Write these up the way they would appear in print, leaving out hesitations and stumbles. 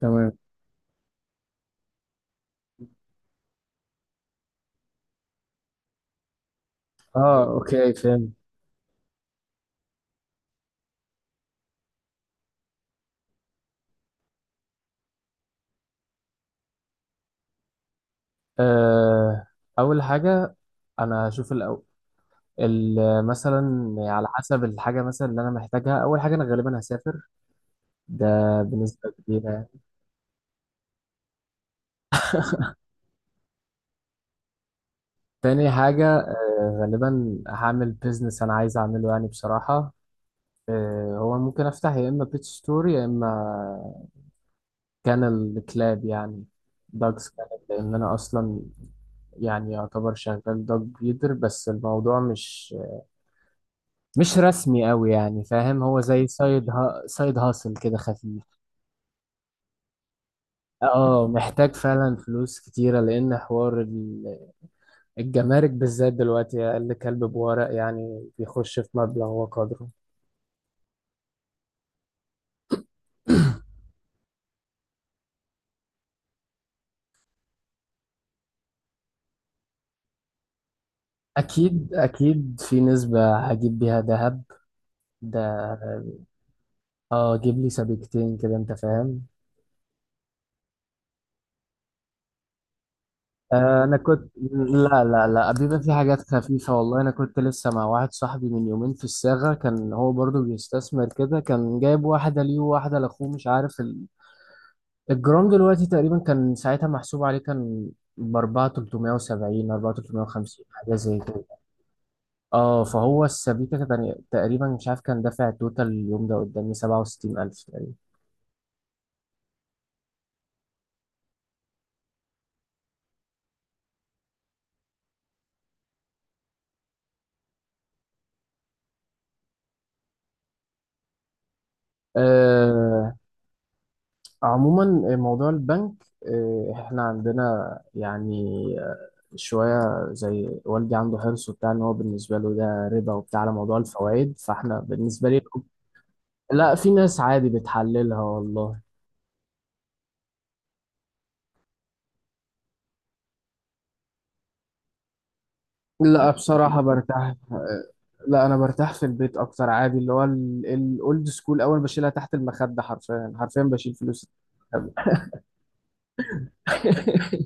تمام. اه، اوكي، فهمت. آه، اول حاجه، انا هشوف الاول. مثلا على حسب الحاجه، مثلا اللي انا محتاجها، اول حاجه انا غالبا هسافر، ده بنسبه كبيره يعني. تاني حاجه، غالبا هعمل بيزنس انا عايز اعمله يعني بصراحه. هو ممكن افتح يا اما بيت ستور، يا اما كانل كلاب، يعني دوجز كانل، لان انا اصلا يعني يعتبر شغال دوج بريدر، بس الموضوع مش رسمي قوي يعني، فاهم، هو زي سايد هاسل كده خفيف. اه، محتاج فعلا فلوس كتيرة، لأن حوار الجمارك بالذات دلوقتي أقل كلب بورق يعني بيخش في مبلغ وقدره. أكيد أكيد في نسبة هجيب بيها دهب ده، اه، أجيب لي سبيكتين كده، أنت فاهم. انا كنت. لا، لا، لا، بيبقى في حاجات خفيفه والله. انا كنت لسه مع واحد صاحبي من يومين في الصاغه، كان هو برضو بيستثمر كده، كان جايب واحده ليه وواحده لاخوه، مش عارف الجرام دلوقتي تقريبا كان ساعتها محسوب عليه، كان ب 4370 4350 حاجه زي كده. اه، فهو السبيكه كان تقريبا، مش عارف، كان دافع توتال اليوم ده قدامي 67000 تقريبا. آه، عموما، موضوع البنك، احنا عندنا يعني شوية، زي والدي عنده حرص وبتاع، ان هو بالنسبة له ده ربا وبتاع على موضوع الفوائد، فاحنا بالنسبة لي، لا، في ناس عادي بتحللها والله. لا، بصراحة برتاح. لا، انا برتاح في البيت اكتر عادي، اللي هو الاولد سكول، اول بشيلها تحت المخدة، حرفيا حرفيا بشيل فلوس.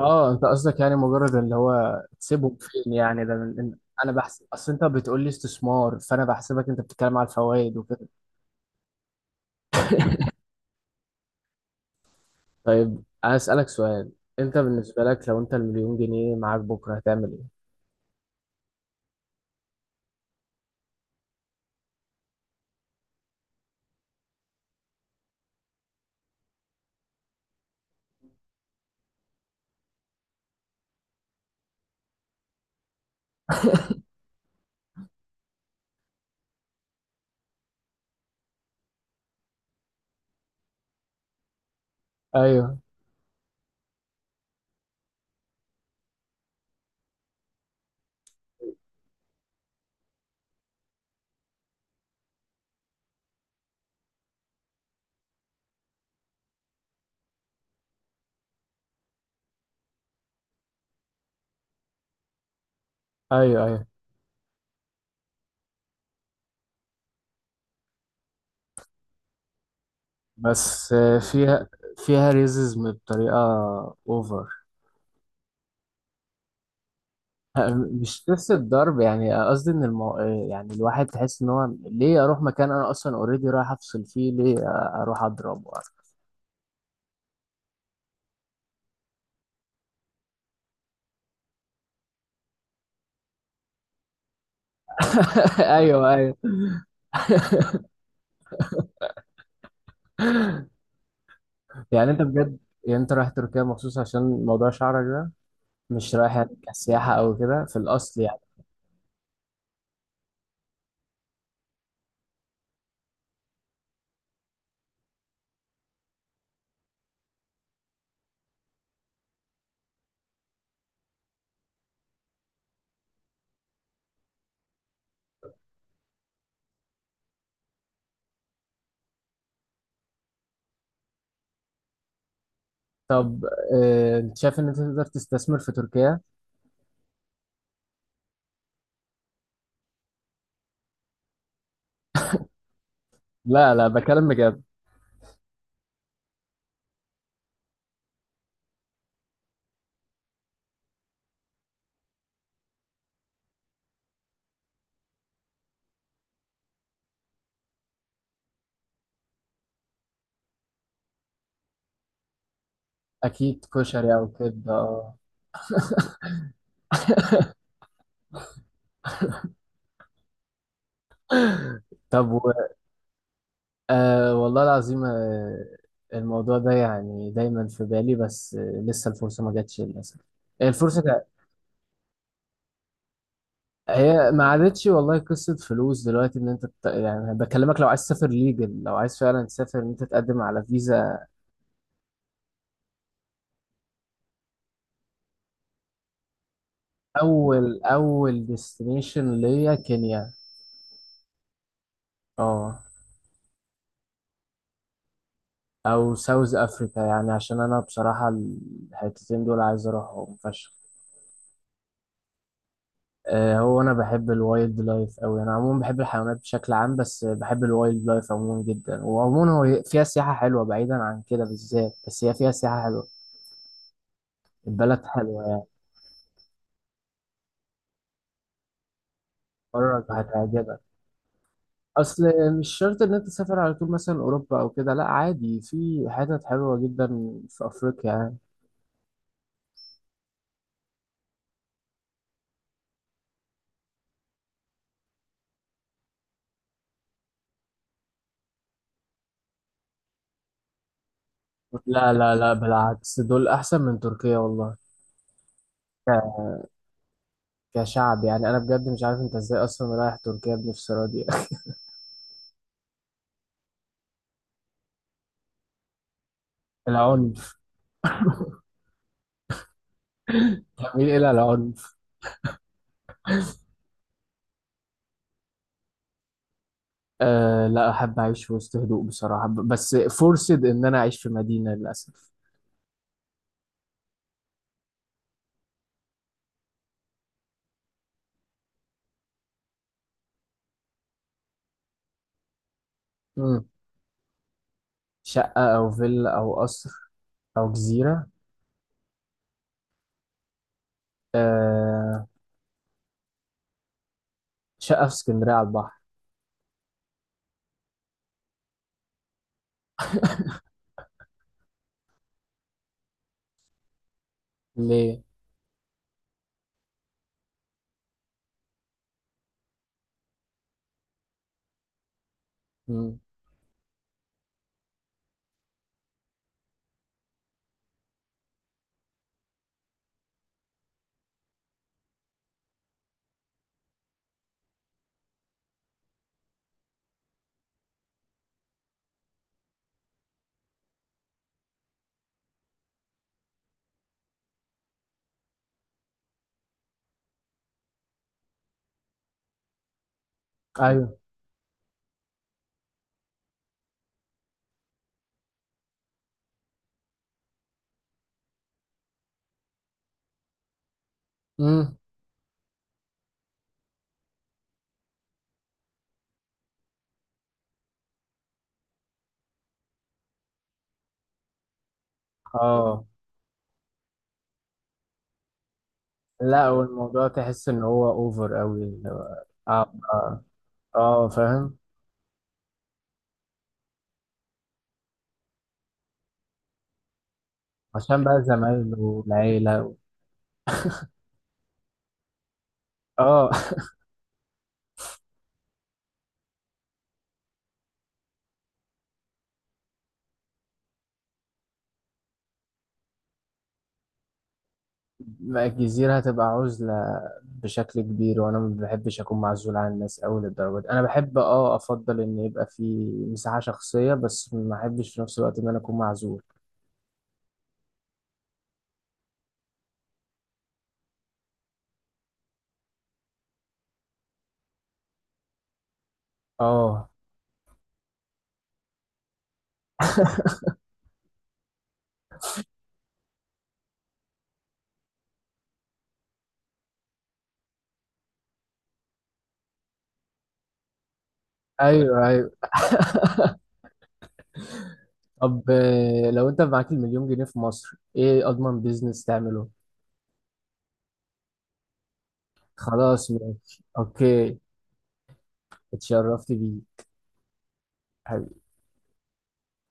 اه، انت قصدك يعني مجرد اللي هو تسيبهم فين يعني، ده انا بحسب، اصل انت بتقول لي استثمار فانا بحسبك انت بتتكلم على الفوائد وكده. طيب انا اسالك سؤال، انت بالنسبه لك لو انت المليون جنيه معاك بكره هتعمل ايه؟ ايوه، ايوه، ايوه. بس فيها ريزيزم بطريقه اوفر. مش نفس الضرب يعني، قصدي ان المو... آه، يعني الواحد تحس ان هو ليه اروح مكان انا اصلا اوريدي رايح افصل فيه، ليه اروح اضرب؟ ايوه، ايوه. يعني انت بجد، يعني انت رايح تركيا مخصوص عشان موضوع شعرك ده، مش رايح يعني كسياحة او كده في الاصل يعني. طب، اه، انت شايف ان انت تقدر تستثمر في تركيا؟ لا، لا، بكلم بجد. اكيد كشري او كده، اه. طب آه، والله العظيم، الموضوع ده يعني دايما في بالي، بس لسه الفرصة ما جاتش للاسف. الفرصة جا- هي ما عادتش والله، قصة فلوس دلوقتي، ان انت يعني بكلمك، لو عايز تسافر ليجل، لو عايز فعلا تسافر ان انت تقدم على فيزا. اول ديستنيشن ليا كينيا. اه، او ساوث افريكا، يعني عشان انا بصراحه الحتتين دول عايز اروحهم فشخ. هو انا بحب الوايلد لايف اوي، انا عموما بحب الحيوانات بشكل عام، بس بحب الوايلد لايف عموما جدا، وعموما هو فيها سياحه حلوه بعيدا عن كده بالذات، بس هي فيها سياحه حلوه. البلد حلوه يعني. مرة هتعجبك. اصل مش شرط ان انت تسافر على طول مثلا اوروبا او كده، لا عادي في حتت حلوه جدا في افريقيا يعني. لا، لا، لا، بالعكس دول احسن من تركيا والله. ك- كشعب يعني، انا بجد مش عارف انت ازاي اصلا رايح تركيا بنفسرة دي. العنف. بتميل الى العنف. أه لا، احب اعيش في وسط هدوء بصراحة، بس فرصد ان انا اعيش في مدينة للاسف. مم. شقة او فيلا او قصر او جزيرة؟ أه، شقة في اسكندرية على البحر. ليه؟ مم. ايوه. مم. اه لا، والموضوع تحس ان هو اوفر قوي. اه، اه. آه، فاهم. عشان بقى الزمايل والعيلة اه. ما الجزيرة هتبقى عزلة بشكل كبير، وانا ما بحبش اكون معزول عن الناس اوي للدرجة دي، انا بحب، اه، افضل ان يبقى في مساحة شخصية، بس ما احبش في نفس الوقت ان انا اكون معزول. اه، ايوه، ايوه. طب، لو انت معاك المليون جنيه في مصر، ايه اضمن بيزنس تعمله؟ خلاص، ماشي، اوكي، اتشرفت بيه.